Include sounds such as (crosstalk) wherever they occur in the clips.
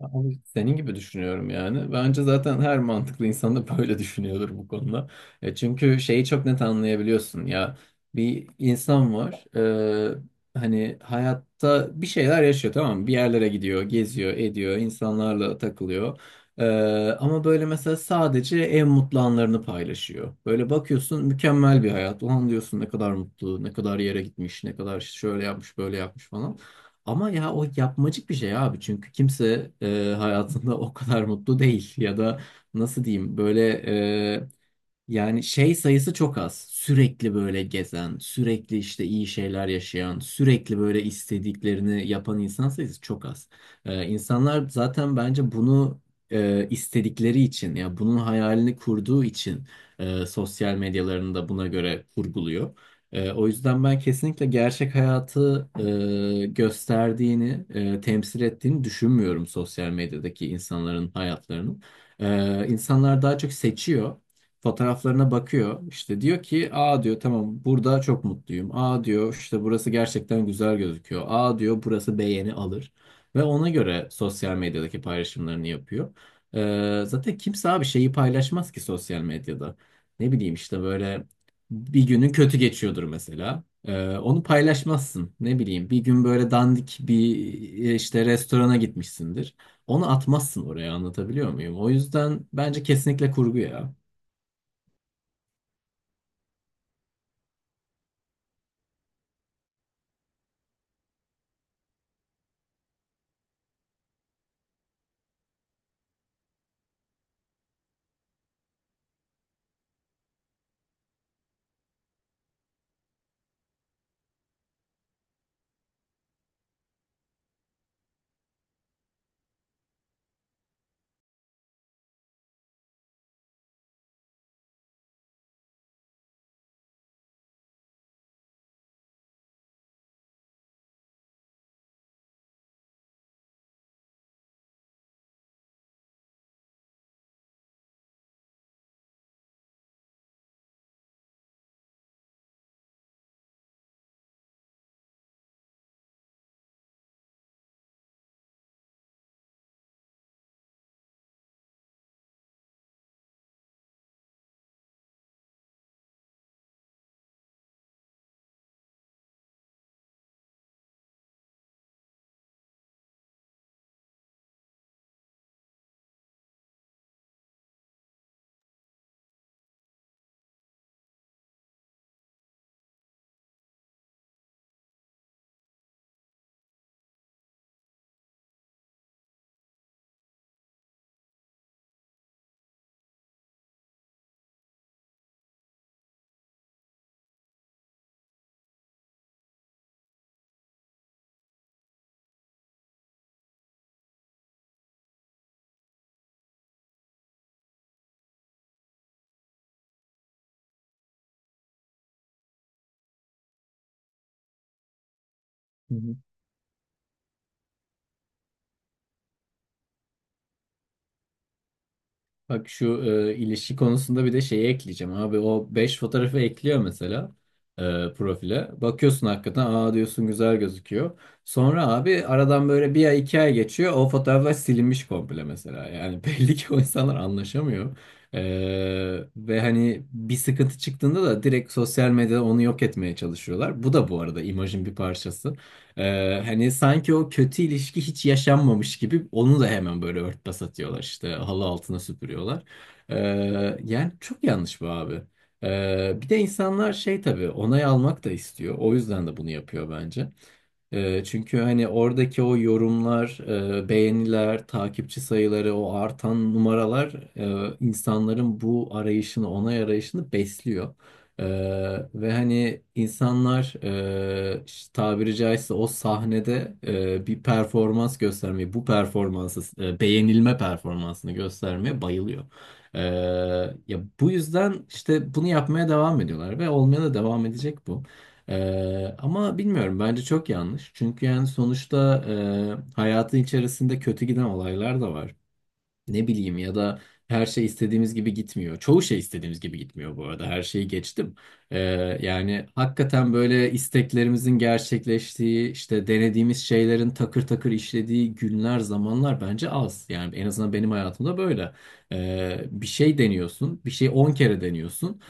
Abi senin gibi düşünüyorum yani. Bence zaten her mantıklı insan da böyle düşünüyordur bu konuda. Çünkü şeyi çok net anlayabiliyorsun ya. Bir insan var. e, Hani hayatta bir şeyler yaşıyor, tamam mı? Bir yerlere gidiyor, geziyor, ediyor, insanlarla takılıyor. E, Ama böyle mesela sadece en mutlu anlarını paylaşıyor. Böyle bakıyorsun, mükemmel bir hayat. Ulan diyorsun ne kadar mutlu, ne kadar yere gitmiş, ne kadar şöyle yapmış, böyle yapmış falan. Ama ya o yapmacık bir şey abi, çünkü kimse hayatında o kadar mutlu değil, ya da nasıl diyeyim, böyle yani şey sayısı çok az. Sürekli böyle gezen, sürekli işte iyi şeyler yaşayan, sürekli böyle istediklerini yapan insan sayısı çok az. İnsanlar zaten bence bunu istedikleri için, ya bunun hayalini kurduğu için sosyal medyalarını da buna göre kurguluyor. O yüzden ben kesinlikle gerçek hayatı gösterdiğini, temsil ettiğini düşünmüyorum sosyal medyadaki insanların hayatlarının. İnsanlar daha çok seçiyor, fotoğraflarına bakıyor. İşte diyor ki, aa diyor tamam, burada çok mutluyum. Aa diyor işte, burası gerçekten güzel gözüküyor. Aa diyor, burası beğeni alır. Ve ona göre sosyal medyadaki paylaşımlarını yapıyor. Zaten kimse abi şeyi paylaşmaz ki sosyal medyada. Ne bileyim işte böyle bir günün kötü geçiyordur mesela. Onu paylaşmazsın. Ne bileyim bir gün böyle dandik bir işte restorana gitmişsindir. Onu atmazsın oraya, anlatabiliyor muyum? O yüzden bence kesinlikle kurgu ya. Bak şu ilişki konusunda bir de şeyi ekleyeceğim abi. O 5 fotoğrafı ekliyor mesela e, profile. Bakıyorsun hakikaten, aa diyorsun güzel gözüküyor. Sonra abi aradan böyle bir ay iki ay geçiyor. O fotoğraflar silinmiş komple mesela. Yani (laughs) belli ki o insanlar anlaşamıyor. E, Ve hani bir sıkıntı çıktığında da direkt sosyal medyada onu yok etmeye çalışıyorlar. Bu da bu arada imajın bir parçası. Hani sanki o kötü ilişki hiç yaşanmamış gibi onu da hemen böyle örtbas atıyorlar, işte halı altına süpürüyorlar. Ee, Yani çok yanlış bu abi. Bir de insanlar şey tabii, onay almak da istiyor. O yüzden de bunu yapıyor bence. Çünkü hani oradaki o yorumlar, beğeniler, takipçi sayıları, o artan numaralar insanların bu arayışını, onay arayışını besliyor. Ee, Ve hani insanlar işte tabiri caizse o sahnede bir performans göstermeyi, bu performansı, beğenilme performansını göstermeye bayılıyor. Ee, Ya bu yüzden işte bunu yapmaya devam ediyorlar ve olmaya da devam edecek bu. Ama bilmiyorum, bence çok yanlış. Çünkü yani sonuçta hayatın içerisinde kötü giden olaylar da var, ne bileyim, ya da her şey istediğimiz gibi gitmiyor. Çoğu şey istediğimiz gibi gitmiyor bu arada. Her şeyi geçtim. Ee, Yani hakikaten böyle isteklerimizin gerçekleştiği, işte denediğimiz şeylerin takır takır işlediği günler, zamanlar bence az. Yani en azından benim hayatımda böyle. Bir şey deniyorsun, bir şey 10 kere deniyorsun.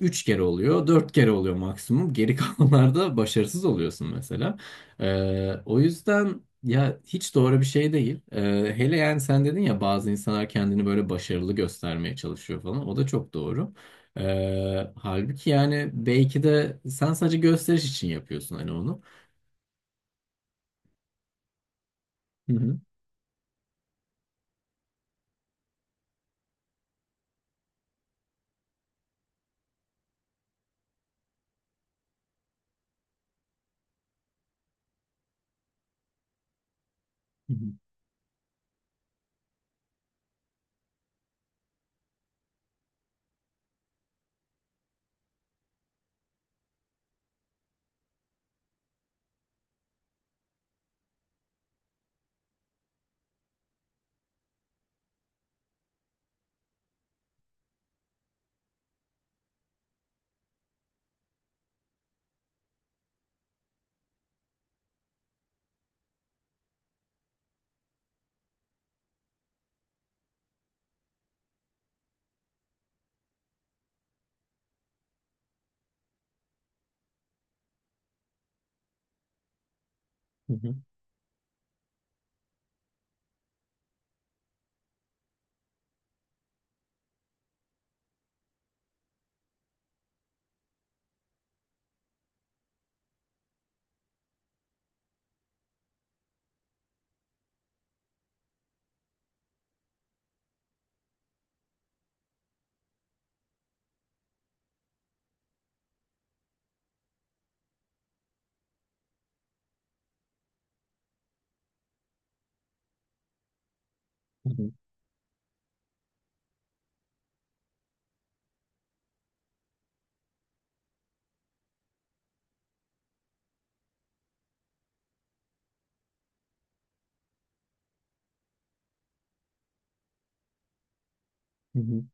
3 kere oluyor, 4 kere oluyor maksimum. Geri kalanlarda (laughs) başarısız oluyorsun mesela. O yüzden ya hiç doğru bir şey değil. Hele yani sen dedin ya, bazı insanlar kendini böyle başarılı göstermeye çalışıyor falan. O da çok doğru. Halbuki yani belki de sen sadece gösteriş için yapıyorsun hani onu. Hı hı. Hı hı. Hı hı. Hı hı. Hı hı.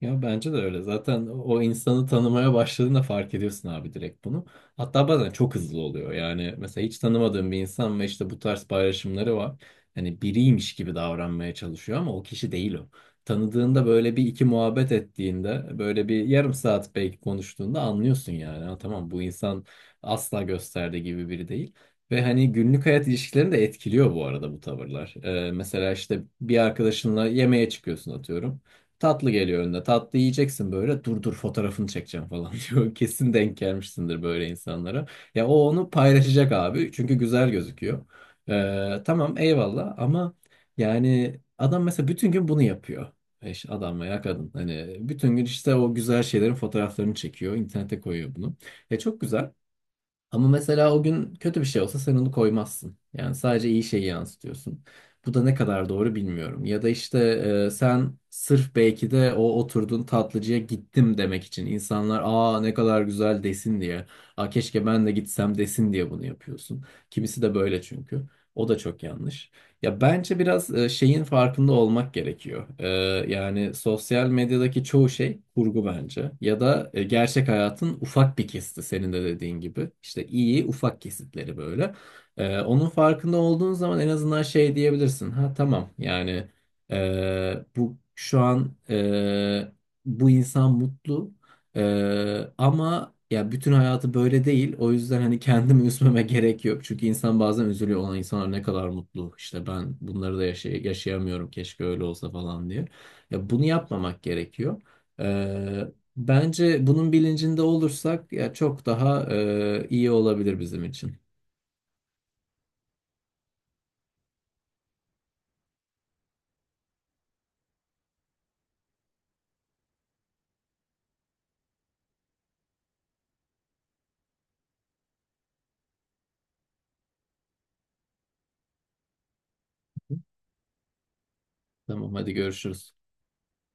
Ya bence de öyle. Zaten o insanı tanımaya başladığında fark ediyorsun abi direkt bunu. Hatta bazen çok hızlı oluyor. Yani mesela hiç tanımadığın bir insan ve işte bu tarz paylaşımları var. Hani biriymiş gibi davranmaya çalışıyor ama o kişi değil o. Tanıdığında böyle bir iki muhabbet ettiğinde, böyle bir yarım saat belki konuştuğunda anlıyorsun yani. Ha, tamam, bu insan asla gösterdiği gibi biri değil. Ve hani günlük hayat ilişkilerini de etkiliyor bu arada bu tavırlar. Mesela işte bir arkadaşınla yemeğe çıkıyorsun atıyorum. Tatlı geliyor önüne. Tatlı yiyeceksin böyle. Dur dur, fotoğrafını çekeceğim falan (laughs) diyor. Kesin denk gelmişsindir böyle insanlara. Ya o onu paylaşacak abi. Çünkü güzel gözüküyor. Tamam eyvallah ama yani adam mesela bütün gün bunu yapıyor. Eş, adam veya kadın. Hani bütün gün işte o güzel şeylerin fotoğraflarını çekiyor. İnternete koyuyor bunu. E çok güzel. Ama mesela o gün kötü bir şey olsa sen onu koymazsın. Yani sadece iyi şeyi yansıtıyorsun. Bu da ne kadar doğru bilmiyorum. Ya da işte sen sırf belki de o oturduğun tatlıcıya gittim demek için, insanlar aa ne kadar güzel desin diye, aa keşke ben de gitsem desin diye bunu yapıyorsun. Kimisi de böyle çünkü. O da çok yanlış. Ya bence biraz şeyin farkında olmak gerekiyor. Yani sosyal medyadaki çoğu şey kurgu bence. Ya da gerçek hayatın ufak bir kesiti, senin de dediğin gibi. İşte iyi ufak kesitleri böyle. Onun farkında olduğun zaman en azından şey diyebilirsin. Ha tamam yani bu şu an bu insan mutlu. Ama ya bütün hayatı böyle değil. O yüzden hani kendimi (laughs) üzmeme gerek yok. Çünkü insan bazen üzülüyor. Olan insanlar ne kadar mutlu. İşte ben bunları da yaşayamıyorum. Keşke öyle olsa falan diye. Ya bunu yapmamak gerekiyor. Ee, Bence bunun bilincinde olursak ya çok daha iyi olabilir bizim için. Tamam, hadi görüşürüz.